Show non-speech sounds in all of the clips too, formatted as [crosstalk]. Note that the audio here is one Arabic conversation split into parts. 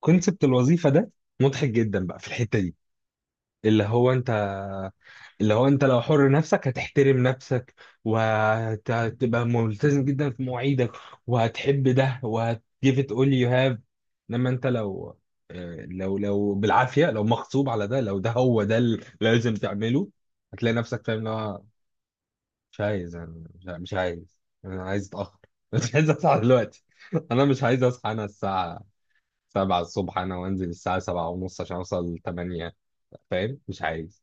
كونسبت الوظيفه ده مضحك جدا بقى في الحته دي. اللي هو انت، لو حر نفسك هتحترم نفسك، وهتبقى ملتزم جدا في مواعيدك، وهتحب ده وهت give it all you have. انما انت لو، لو بالعافيه، لو مغصوب على ده، لو ده هو ده اللي لازم تعمله، هتلاقي نفسك فاهم اللي هو مش عايز. انا مش عايز. انا عايز اتاخر [laughs] مش عايز اصحى دلوقتي [laughs] انا مش عايز اصحى، انا الساعه 7 الصبح، انا وانزل الساعة 7 ونص عشان اوصل 8. فاهم، مش عايز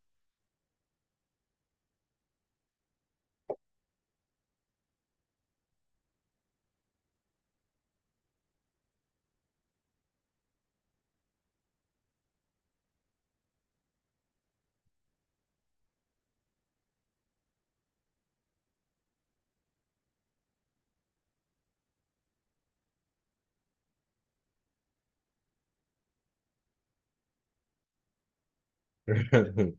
[laughs]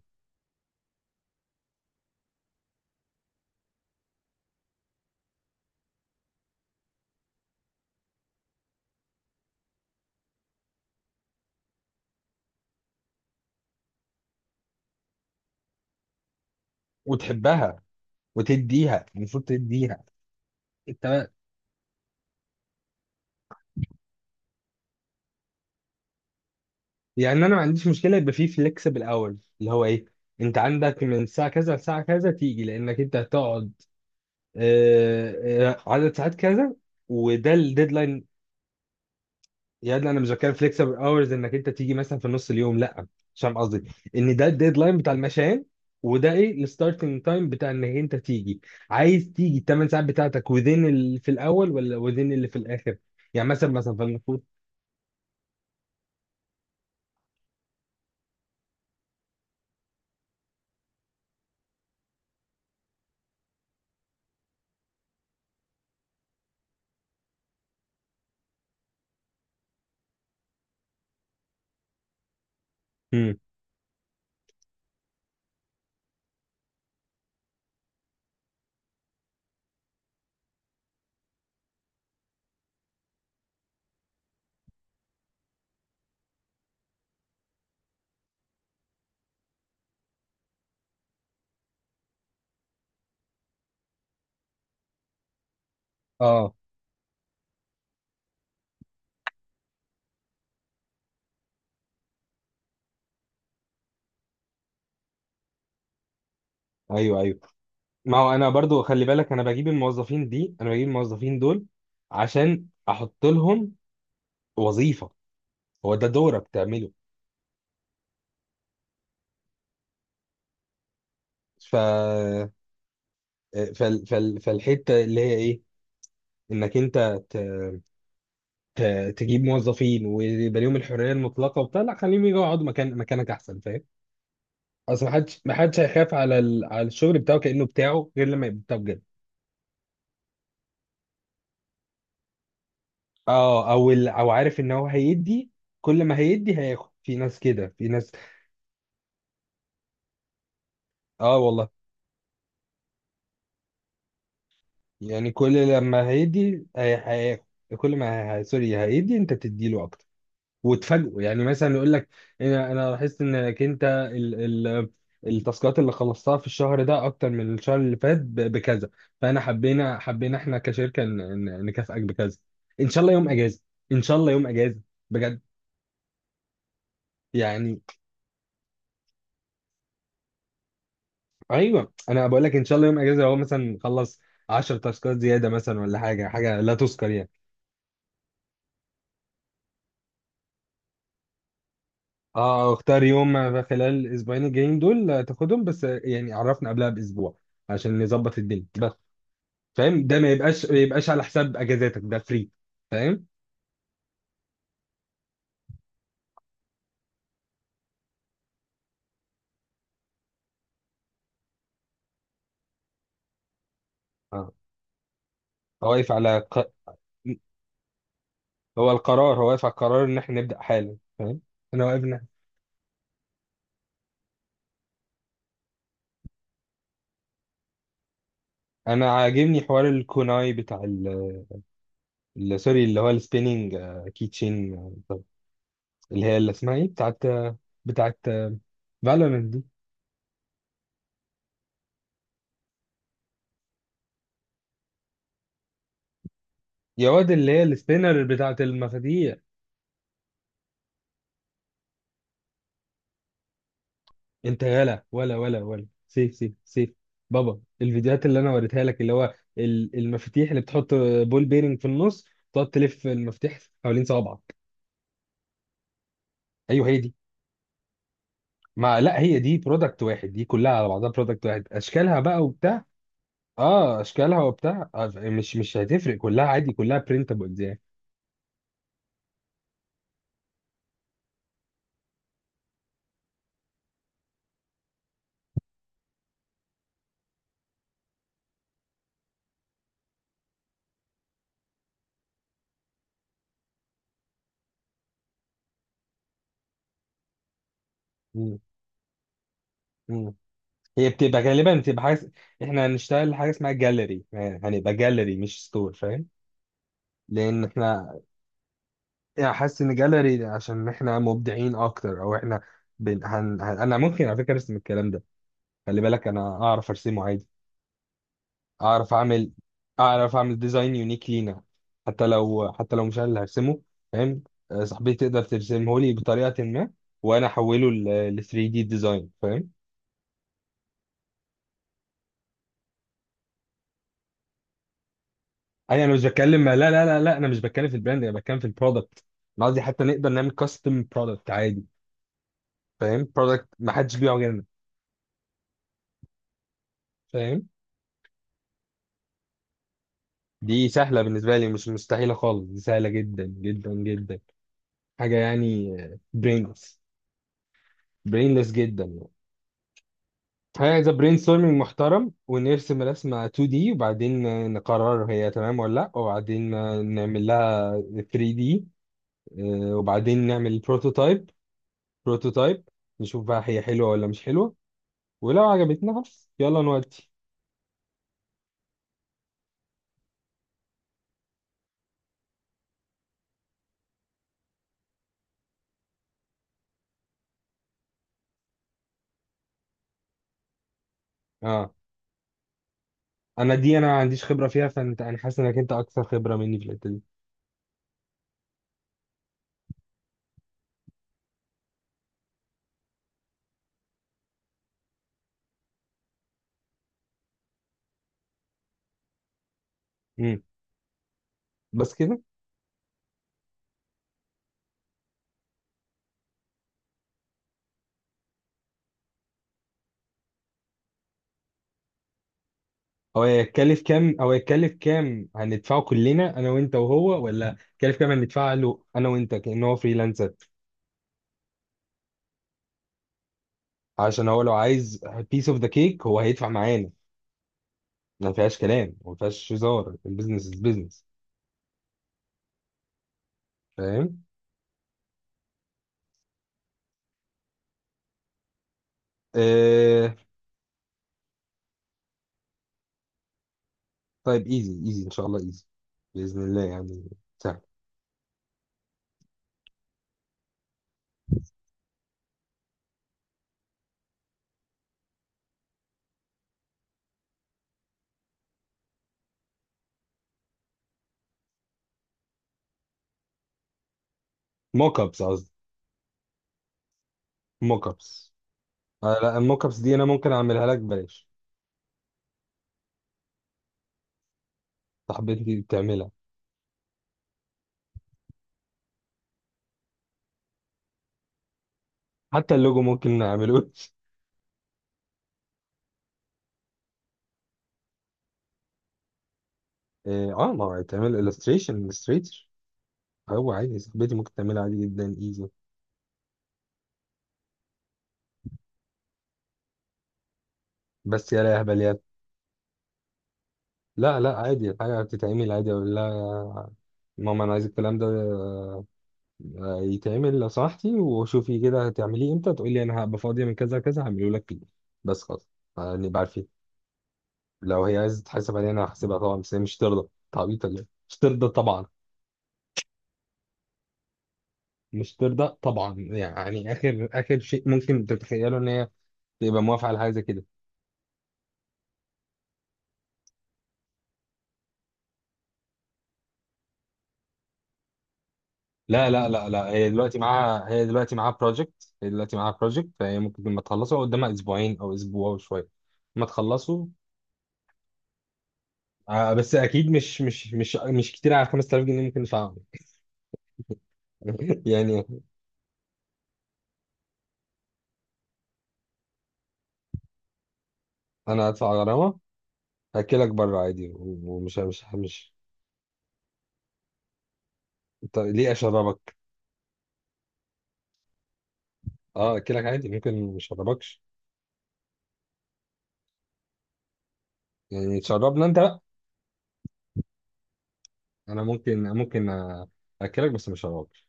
وتحبها وتديها، المفروض تديها. انت. يعني انا ما عنديش مشكله يبقى فيه فليكسبل اورز اللي هو ايه: انت عندك من الساعه كذا لساعه كذا تيجي، لانك انت هتقعد عدد ساعات كذا، وده الديدلاين. يا ابني، انا مش بتكلم فليكسبل اورز انك انت تيجي مثلا في نص اليوم، لا. مش فاهم قصدي، ان ده الديدلاين بتاع المشان، وده ايه الستارتنج تايم بتاع انك انت تيجي. عايز تيجي الثمان ساعات بتاعتك وذين اللي في الاول ولا وذين اللي في الاخر، يعني مثلا مثلا فالمفروض. امم. اه، ايوه ايوه. ما هو انا برضو خلي بالك، انا بجيب الموظفين دي، انا بجيب الموظفين دول عشان احط لهم وظيفه. هو ده دورك تعمله. ف فالحته اللي هي ايه، انك انت ت... تجيب موظفين ويبقى ليهم الحريه المطلقه وبتاع، لا خليهم يجوا يقعدوا مكانك احسن، فاهم. اصل محدش هيخاف على على الشغل بتاعه كانه بتاعه، غير لما يبقى بتاعه بجد. اه، او او عارف ان هو هيدي، كل ما هيدي هياخد، في ناس كده في ناس. اه والله، يعني كل لما هيدي هياخد، كل ما هي... سوري هيدي انت بتديله اكتر وتفاجئوا، يعني مثلا يقول لك: انا لاحظت انك انت ال التاسكات اللي خلصتها في الشهر ده اكتر من الشهر اللي فات بكذا، فانا حبينا احنا كشركه نكافئك بكذا، ان شاء الله يوم اجازه، ان شاء الله يوم اجازه بجد يعني. ايوه، انا بقول لك ان شاء الله يوم اجازه هو مثلا خلص 10 تاسكات زياده مثلا، ولا حاجه، حاجه لا تذكر يعني. اه، اختار يوم خلال الاسبوعين الجايين دول تاخدهم، بس يعني عرفنا قبلها باسبوع عشان نظبط الدنيا بس، فاهم. ده ما يبقاش على حساب اجازاتك، ده فري، فاهم. اه. هو واقف على ق... هو القرار، هو واقف على القرار ان احنا نبدا حالا، فاهم. انا واقفنا، انا عاجبني حوار الكوناي بتاع ال... ال- سوري اللي هو السبيننج كيتشين، اللي هي اللي اسمها ايه، بتاعت، بتاعت فالورنت دي. يا واد، اللي هي السبينر بتاعت المفاتيح. انت يالا، ولا ولا ولا سيف سيف سيف. بابا، الفيديوهات اللي انا وريتها لك اللي هو المفاتيح اللي بتحط بول بيرنج في النص، تقعد تلف المفتاح حوالين صوابعك. ايوه هي دي، ما لا، هي دي برودكت واحد، دي كلها على بعضها برودكت واحد، اشكالها بقى وبتاع. اه، اشكالها وبتاع، مش هتفرق، كلها عادي، كلها برينتابلز يعني. مم. مم. هي بتبقى غالبا، بتبقى حاجه، احنا هنشتغل حاجه اسمها جاليري، هنبقى جاليري مش ستور، فاهم، لان احنا يعني حاسس ان جاليري عشان احنا مبدعين اكتر، او احنا انا ممكن على فكره ارسم الكلام ده. خلي بالك انا اعرف ارسمه عادي، اعرف اعمل اعرف اعمل ديزاين يونيك لينا، حتى لو مش انا اللي هرسمه، فاهم. صاحبتي تقدر ترسمه لي بطريقه ما وانا احوله ل 3 دي ديزاين، فاهم. اي، انا مش بتكلم، لا لا لا لا، انا مش بتكلم في البراند، انا بتكلم في البرودكت، انا قصدي حتى نقدر نعمل كاستم برودكت عادي، فاهم، برودكت ما حدش بيبيعه غيرنا، فاهم. دي سهلة بالنسبة لي، مش مستحيلة خالص، دي سهلة جدا جدا جدا، حاجة يعني. برينلس، برينلس جدا يعني، حاجة زي برين ستورمينج محترم. ونرسم رسمة 2D وبعدين نقرر هي تمام ولا لأ، وبعدين نعمل لها 3D، وبعدين نعمل بروتوتايب، بروتوتايب نشوف بقى هي حلوة ولا مش حلوة، ولو عجبتنا خلاص يلا نودي. اه. انا ما عنديش خبرة فيها، انا حاسس انك انت اكثر خبرة مني في الحتة دي. مم. بس كده. هو هيتكلف كام؟ او هيتكلف كام هندفعه كلنا، انا وانت وهو؟ ولا هيتكلف كام هندفعه له انا وانت كأنه هو فريلانسر؟ عشان هو لو عايز بيس اوف ذا كيك هو هيدفع معانا، ما فيهاش كلام وما فيهاش هزار، البيزنس از بيزنس، فاهم. آه... طيب ايزي ايزي ان شاء الله، ايزي باذن الله يعني، سهل. موك ابس قصدي، موك ابس. لا الموك ابس دي انا ممكن اعملها لك ببلاش، صاحبتي بتعملها. حتى اللوجو ممكن نعمله [laughs] اه، ما هو هيتعمل illustrator. هو عادي، صاحبتي ممكن تعملها عادي جدا، ايزي. بس يا لا اهبل يا. لا لا، عادي، الحاجة بتتعمل عادي، اقول لها: ماما انا عايز الكلام ده يتعمل لو سمحتي، وشوفي كده هتعمليه امتى، تقول لي انا هبقى فاضية من كذا كذا هعمله لك فيه، بس خلاص. نبقى عارفين. لو هي عايزة تحاسب علينا انا هحاسبها طبعا، بس هي مش ترضى تعبيط ولا إيه؟ مش ترضى طبعا، مش ترضى طبعا يعني. اخر شيء ممكن تتخيله ان هي تبقى موافقة على حاجة زي كده. لا لا لا لا، هي دلوقتي معاها بروجكت، هي دلوقتي معاها بروجكت، فهي ممكن لما تخلصه قدامها اسبوعين او اسبوع وشويه ما تخلصه. آه، بس اكيد مش كتير على 5000 جنيه، ممكن ادفعهم [laughs] يعني انا هدفع غرامه، هاكلك بره عادي، ومش مش مش. طب ليه اشربك؟ اه، اكلك عادي، ممكن مش اشربكش. يعني تشربنا انت بقى. انا ممكن، اكلك بس مش هشربك.